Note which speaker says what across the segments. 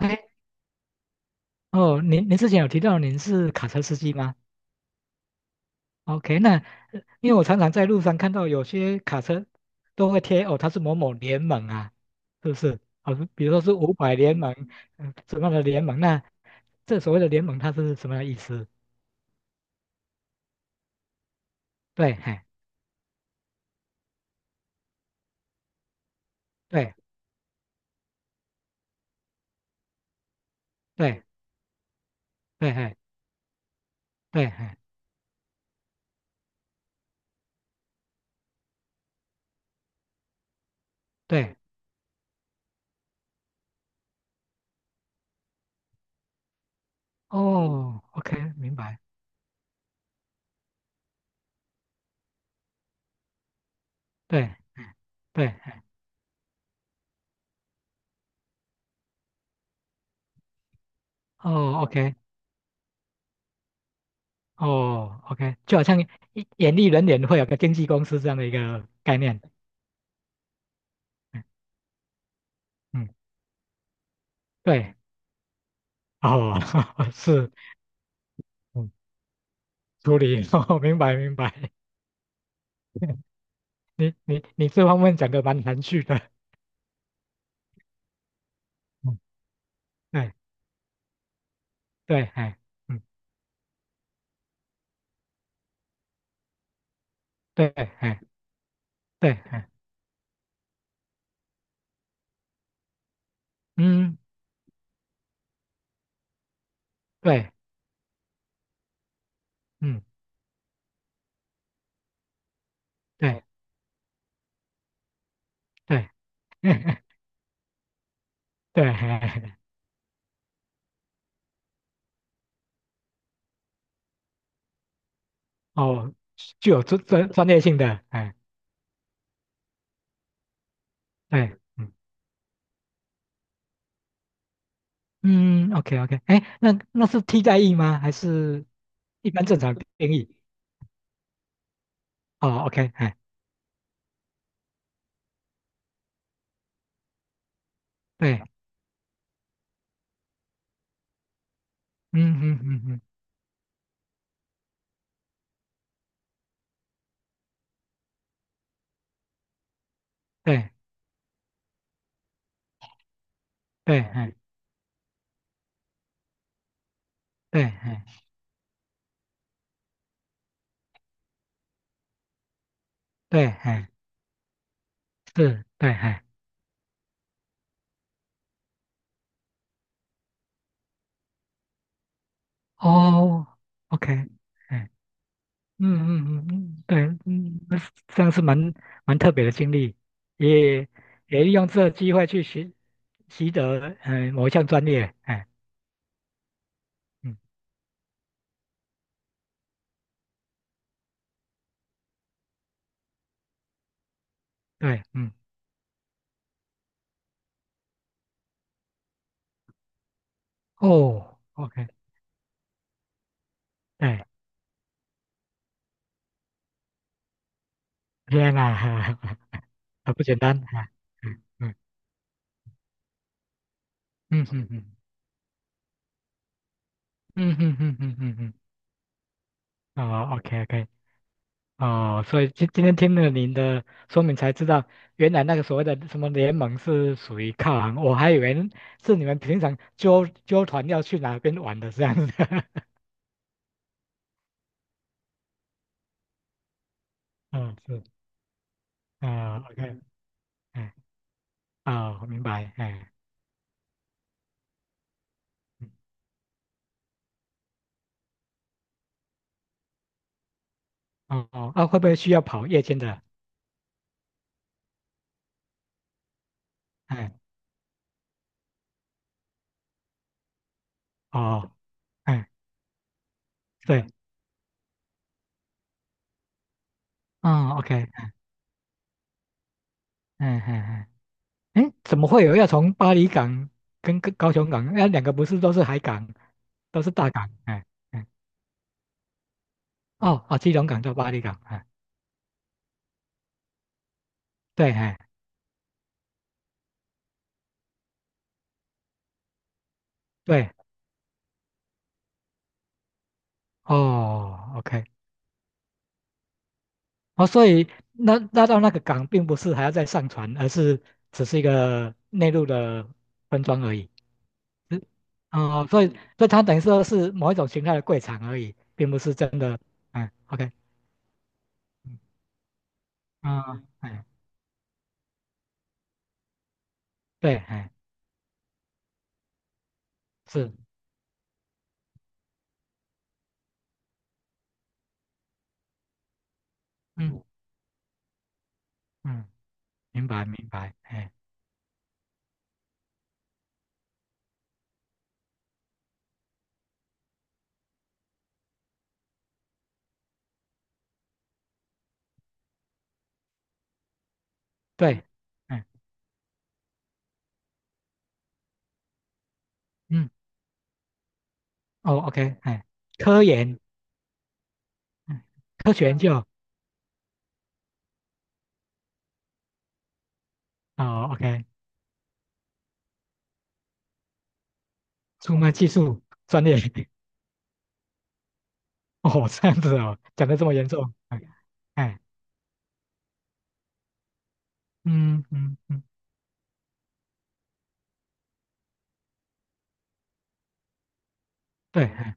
Speaker 1: OK，哦，您之前有提到您是卡车司机吗？OK，那因为我常常在路上看到有些卡车都会贴哦，它是某某联盟啊，是不是？哦，比如说是五百联盟，什么样的联盟？那这所谓的联盟它是什么样的意思？对，嘿，对，对，对，嘿，对，嘿，对，哦，OK，明白，对，对，嘿哦，OK，哦，OK，就好像演艺人员会有个经纪公司这样的一个概念，嗯嗯对，哦，是，嗯，处理，哦，明白明白，你这方面讲的蛮含蓄的，嗯，对对，哎，嗯，对，哎，对，哎，嗯，对，嗯，对对，对，哎，哦，具有专业性的，哎，对，嗯嗯，OK OK，哎，那是替代役吗？还是一般正常定义？哦，OK，哎，对，嗯嗯嗯嗯，对对，哎，对，哎，对，哎。是，对，哎，哦，OK，哎，嗯嗯嗯嗯，对，嗯，那是这样是蛮特别的经历，也也利用这个机会去习得某一项专业，哎，嗯，对，嗯，哦，OK，对，天哪，啊，不简单，哎，嗯嗯嗯嗯嗯嗯嗯嗯嗯嗯，嗯哦，OK OK，哦，所以今天听了您的说明才知道，原来那个所谓的什么联盟是属于靠行，我还以为是你们平常纠团要去哪边玩的这样子。嗯，是，啊，OK，哎，哦，我明白，哎，嗯哦，哦啊，会不会需要跑夜间的？哎，哦，哎，对，哦，OK，嗯嗯嗯，哎，怎么会有要从巴黎港跟高雄港？那两个不是都是海港，都是大港，哎，哎，哦，哦，基隆港到巴黎港，哎。对，哎，对，哦，OK，哦，所以那到那个港并不是还要再上船，而是只是一个内陆的分装而已。嗯哦，所以它等于说是某一种形态的柜场而已，并不是真的。嗯，OK，嗯，啊哎，对，哎，是，嗯嗯，明白明白，哎，对，嗯嗯，哦，OK，哎，科研，嗯科学研究，哦，OK，出卖技术专业。哦，这样子哦，讲的这么严重，哎，哎，嗯嗯嗯，对，哎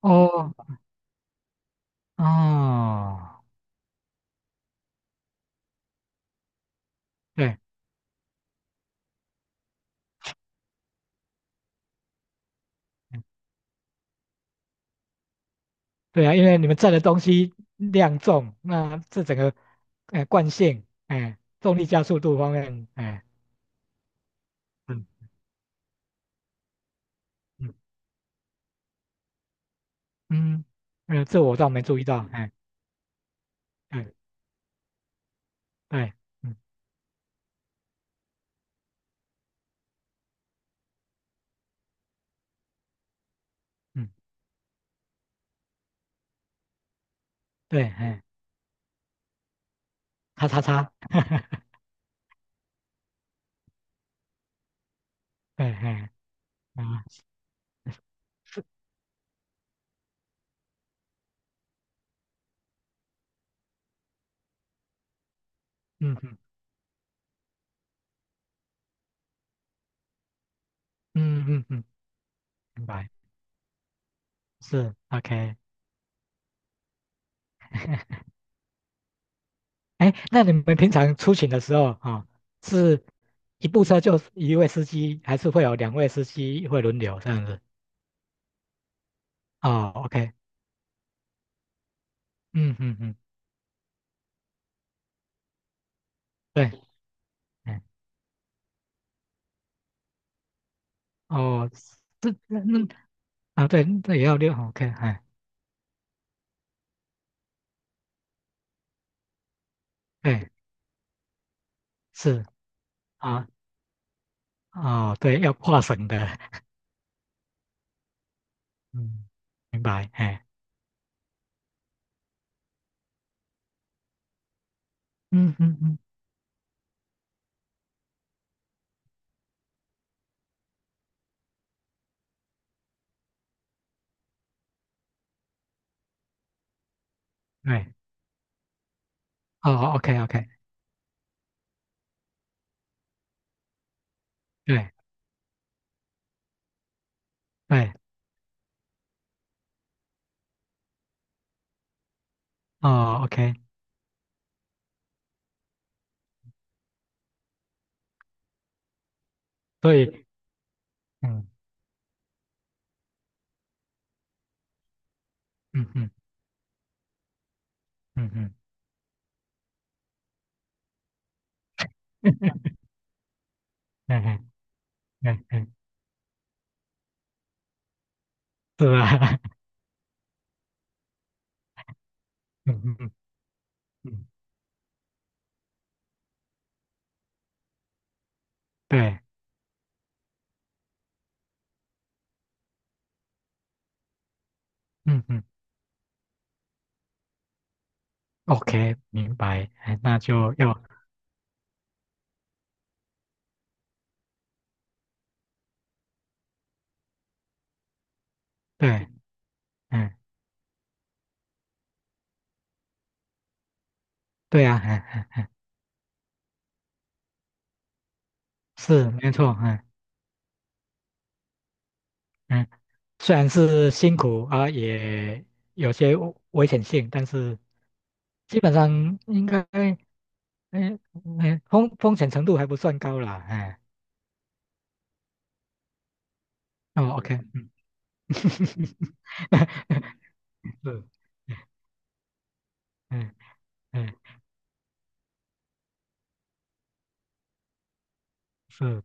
Speaker 1: 哦哦，对嗯对啊，因为你们载的东西量重，那这整个哎惯性，哎，重力加速度方面，哎，嗯嗯嗯，这我倒没注意到，哎，对对，嗯嗯，对，哎，叉叉叉，对，哎，啊，是，嗯嗯嗯嗯嗯，明白，是，OK。哎，那你们平常出行的时候啊，哦是一部车就一位司机，还是会有两位司机会轮流这样子？哦，OK，嗯嗯嗯，对，哎，哦，这那啊，对，那也要六，OK，哎，对，是啊，哦，对，要跨省的，嗯，明白，哎，嗯嗯嗯，对，哦，OK OK，对对，哦，OK，所以，嗯嗯嗯嗯嗯，嗯嗯嗯嗯，是吧？嗯嗯嗯嗯，对，嗯嗯，OK，明白，哎，那就要对，嗯，对啊，嗯嗯，是没错，嗯嗯，虽然是辛苦啊，也有些危险性，但是基本上应该，嗯嗯，风险程度还不算高啦，哎，哦，OK，嗯，是，嗯嗯是，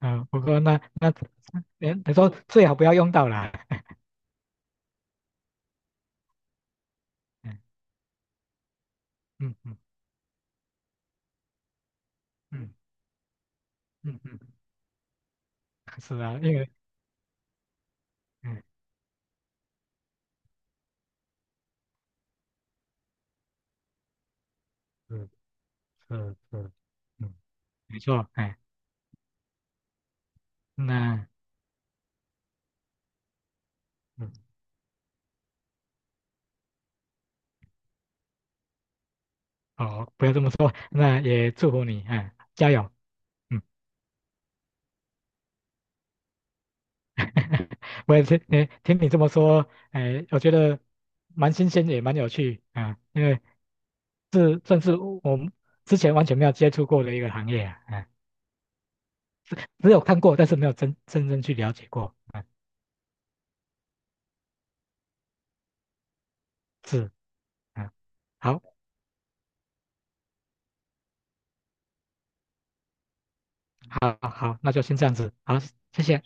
Speaker 1: 嗯，不过那，你说最好不要用到啦，哎嗯嗯嗯嗯嗯嗯，是啊，因为。嗯嗯嗯嗯嗯，没错，哎，那嗯，好，不要这么说，那也祝福你，哎，加油，嗯，我也是，哎，听你这么说，哎，我觉得蛮新鲜，也蛮有趣，啊，因为这算是我们之前完全没有接触过的一个行业啊，哎，只有看过，但是没有真正去了解过，啊，是，啊，好，好，好，那就先这样子，好，谢谢。